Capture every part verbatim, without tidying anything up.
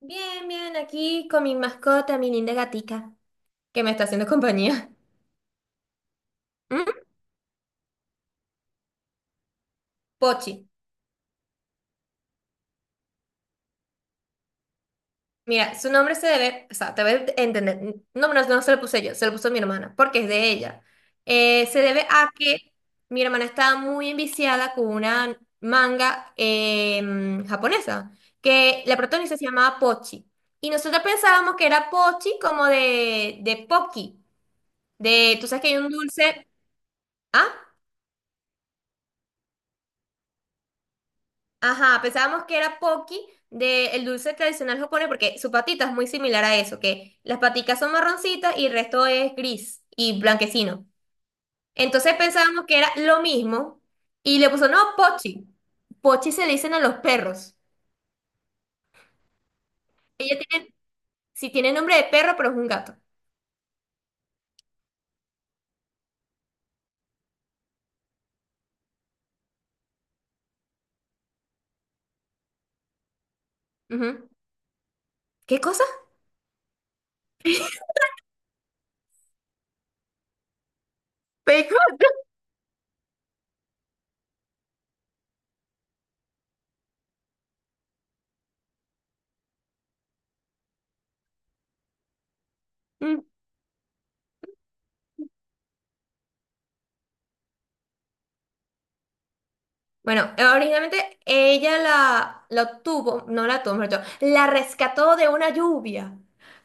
Bien, bien, aquí con mi mascota, mi linda gatica, que me está haciendo compañía. ¿Mm? Pochi. Mira, su nombre se debe, o sea, te voy entender. No, no, no se lo puse yo, se lo puso mi hermana, porque es de ella. Eh, se debe a que mi hermana estaba muy enviciada con una manga em, japonesa, que la protagonista se llamaba Pochi. Y nosotros pensábamos que era Pochi como de, de Pocky, de, tú sabes que hay un dulce, ¿ah? Ajá, pensábamos que era Pocky del dulce tradicional japonés porque su patita es muy similar a eso, que las paticas son marroncitas y el resto es gris y blanquecino. Entonces pensábamos que era lo mismo y le puso, no, Pochi. Pochi se le dicen a los perros. Ella tiene, sí tiene nombre de perro, pero es un gato. Ujú. ¿Qué cosa? Pecoso. Bueno, eh, originalmente ella la, la obtuvo, no la obtuvo, mejor dicho, la rescató de una lluvia.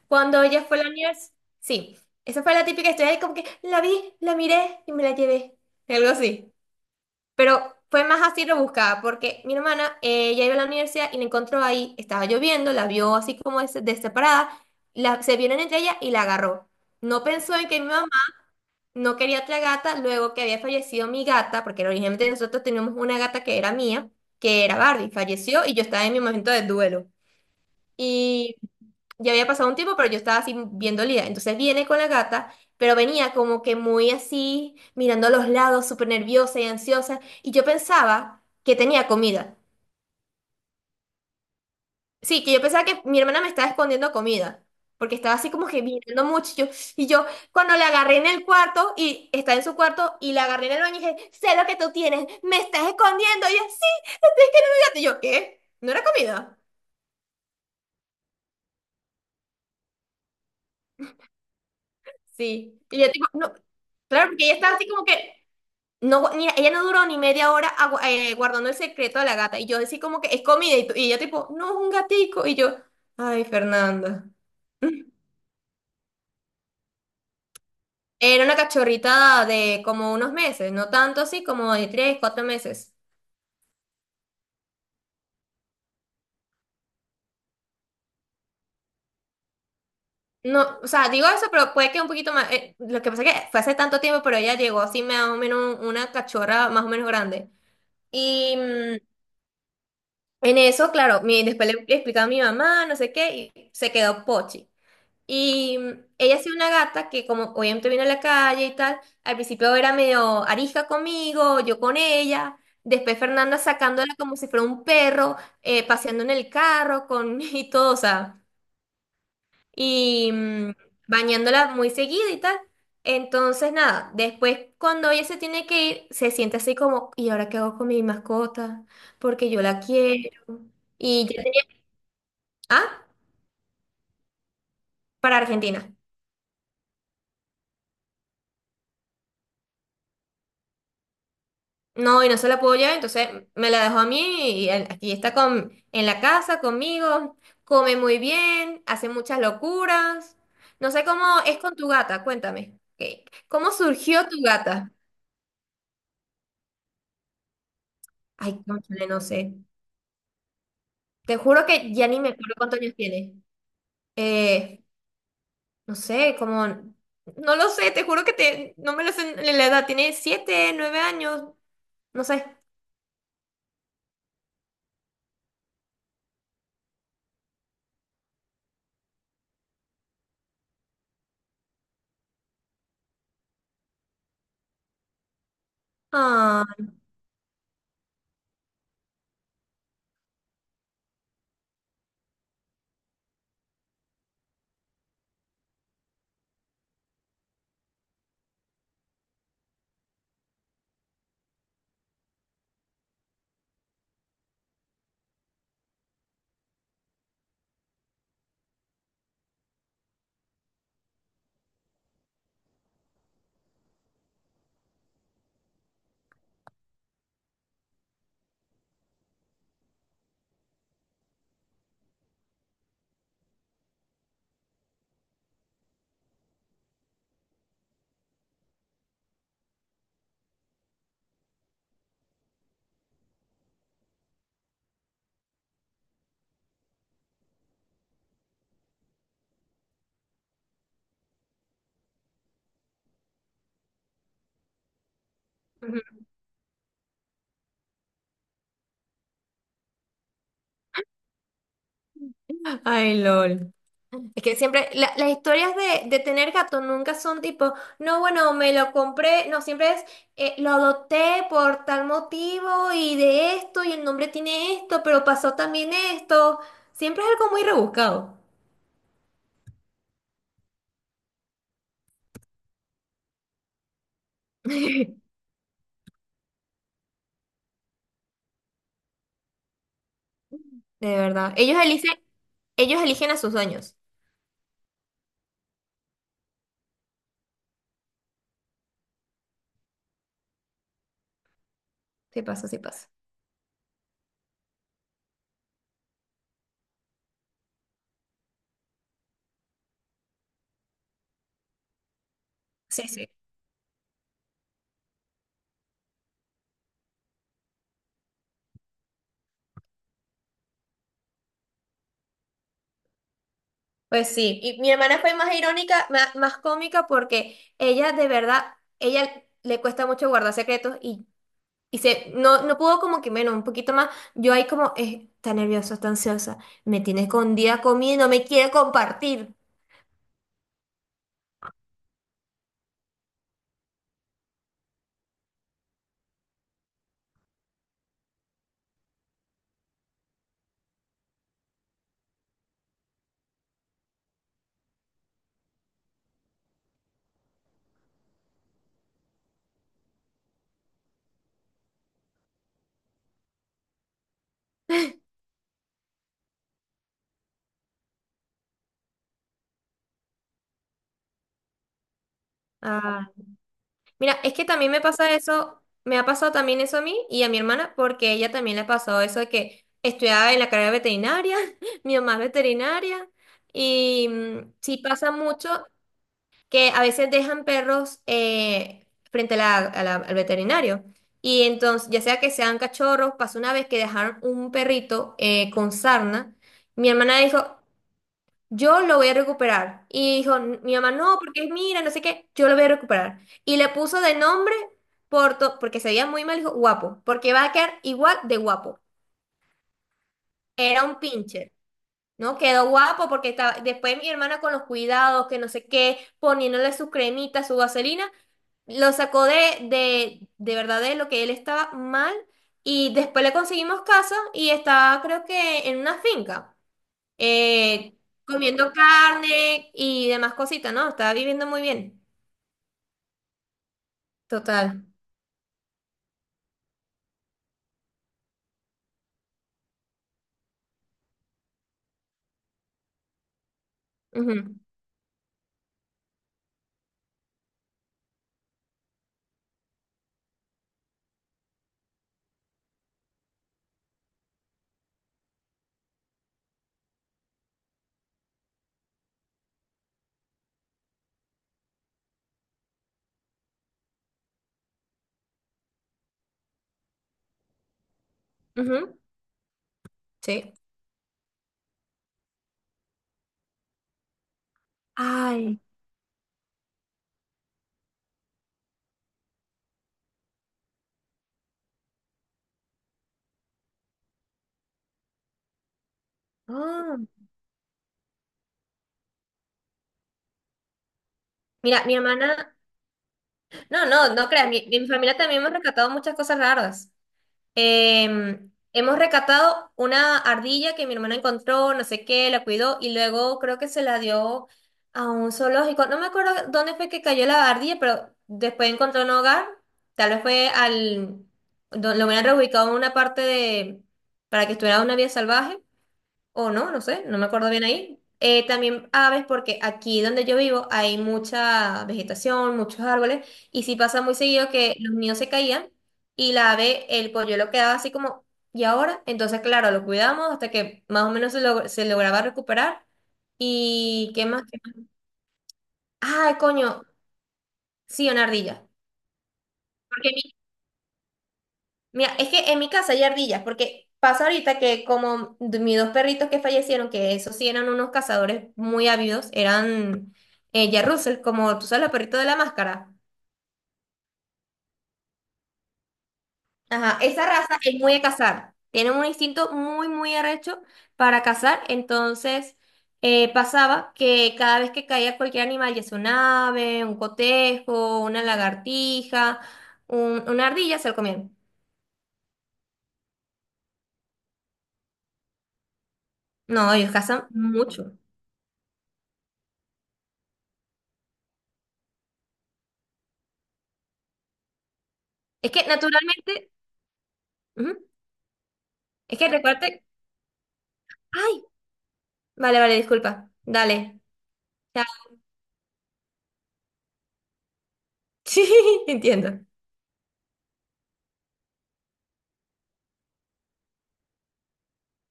Cuando ella fue a la universidad. Sí, esa fue la típica historia de como que la vi, la miré y me la llevé. Algo así. Pero fue más así rebuscada, porque mi hermana, eh, ella iba a la universidad y la encontró ahí, estaba lloviendo, la vio así como des- deseparada, la, se vieron entre ella y la agarró. No pensó en que mi mamá no quería otra gata, luego que había fallecido mi gata, porque originalmente nosotros teníamos una gata que era mía, que era Barbie, falleció y yo estaba en mi momento de duelo. Y ya había pasado un tiempo, pero yo estaba así bien dolida. Entonces viene con la gata, pero venía como que muy así, mirando a los lados, súper nerviosa y ansiosa. Y yo pensaba que tenía comida. Sí, que yo pensaba que mi hermana me estaba escondiendo comida, porque estaba así como que mirando mucho. y Yo, y yo, cuando la agarré en el cuarto, y está en su cuarto, y la agarré en el baño y dije, sé lo que tú tienes, me estás escondiendo. Y ella, sí, es que no me digas". Y yo, ¿qué? ¿No era comida? Sí. Y yo, tipo, no. Claro, porque ella estaba así como que, no, ni- ella no duró ni media hora agu- eh, guardando el secreto de la gata. Y yo, así como que, es comida. Y, tú- y ella, tipo, no, es un gatico. Y yo, ay, Fernanda. Era una cachorrita de como unos meses, no tanto así, como de tres, cuatro meses. No, o sea, digo eso, pero puede que un poquito más. Eh, lo que pasa es que fue hace tanto tiempo, pero ella llegó así más o menos una cachorra más o menos grande. Y mm, en eso, claro, mi, después le, le explicaba a mi mamá, no sé qué, y se quedó Pochi. Y mm, ella ha sido una gata que como obviamente viene a la calle y tal, al principio era medio arisca conmigo, yo con ella, después Fernanda sacándola como si fuera un perro, eh, paseando en el carro con y todo, o sea, y mm, bañándola muy seguido y tal. Entonces, nada, después cuando ella se tiene que ir, se siente así como, ¿y ahora qué hago con mi mascota? Porque yo la quiero. Y ya tenía... Ah, para Argentina. No, y no se la puedo llevar, entonces me la dejó a mí y él- aquí está con, en la casa conmigo, come muy bien, hace muchas locuras. No sé cómo es con tu gata, cuéntame. ¿qué- ¿Cómo surgió tu gata? Ay, cónchale, no sé. Te juro que ya ni me acuerdo cuántos años tiene. Eh, no sé, como... No lo sé, te juro que te, no me lo sé en la edad. Tiene siete, nueve años, no sé. Ah, ay, LOL. Es que siempre, la- las historias de, de tener gato nunca son tipo, no, bueno, me lo compré, no, siempre es, eh, lo adopté por tal motivo y de esto y el nombre tiene esto, pero pasó también esto. Siempre es algo muy rebuscado. De verdad. Ellos eligen, ellos eligen a sus dueños. Sí pasa, sí pasa. Sí, sí. Pues sí. Y mi hermana fue más irónica, ma- más, cómica porque ella de verdad, ella le cuesta mucho guardar secretos y Y se, no, no puedo como que menos, un poquito más. Yo ahí como, eh, está nerviosa, está ansiosa. Me tiene escondida comida, y no me quiere compartir. Ah, mira, es que también me pasa eso, me ha pasado también eso a mí y a mi hermana, porque ella también le ha pasado eso de que estudiaba en la carrera veterinaria, mi mamá es veterinaria, y mm, sí pasa mucho que a veces dejan perros eh, frente a la- a la- al veterinario. Y entonces, ya sea que sean cachorros, pasó una vez que dejaron un perrito eh, con sarna. Mi hermana dijo, yo lo voy a recuperar. Y dijo, "N- mi mamá, no, porque mira, no sé qué, yo lo voy a recuperar. Y le puso de nombre, Porto, porque se veía muy mal, dijo, guapo, porque va a quedar igual de guapo. Era un pincher. No, quedó guapo porque estaba, después mi hermana con los cuidados, que no sé qué, poniéndole su cremita, su vaselina, lo sacó de, de, de verdad de lo que él estaba mal y después le conseguimos casa y estaba creo que en una finca, eh, comiendo carne y demás cositas, ¿no? Estaba viviendo muy bien. Total. Ujú, ujú. Sí. Ay. Ah. Mira, mi hermana, no, no, no creas, mi, mi familia también hemos rescatado muchas cosas raras. Em, hemos recatado una ardilla que mi hermana encontró, no sé qué, la cuidó y luego creo que se la dio a un zoológico. No me acuerdo dónde fue que cayó la ardilla, pero después encontró un hogar. Tal vez fue al... do- Lo hubieran reubicado en una parte de... para que estuviera en una vida salvaje o no, no sé, no me acuerdo bien ahí. Eh, también aves, porque aquí donde yo vivo hay mucha vegetación, muchos árboles, y sí pasa muy seguido que los nidos se caían y la ave, el polluelo quedaba así como, ¿y ahora? Entonces, claro, lo cuidamos hasta que más o menos se, log- se lograba recuperar. ¿Y qué más? ¿Qué más? Ay, coño, sí, una ardilla. Porque mira, es que en mi casa hay ardillas, porque pasa ahorita que como de mis dos perritos que fallecieron, que esos sí eran unos cazadores muy ávidos, eran eh, Jack Russell, como tú sabes, los perritos de la máscara. Ajá, esa raza es muy de cazar. Tienen un instinto muy, muy arrecho para cazar. Entonces, eh, pasaba que cada vez que caía cualquier animal, ya sea un ave, un cotejo, una lagartija, un- una ardilla, se lo comían. No, ellos cazan mucho. Es que naturalmente... ujú. Es que recuerde. Ay, vale, vale, disculpa. Dale. Ya. Sí, entiendo.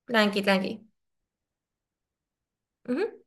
Tranqui, tranqui. Ujú.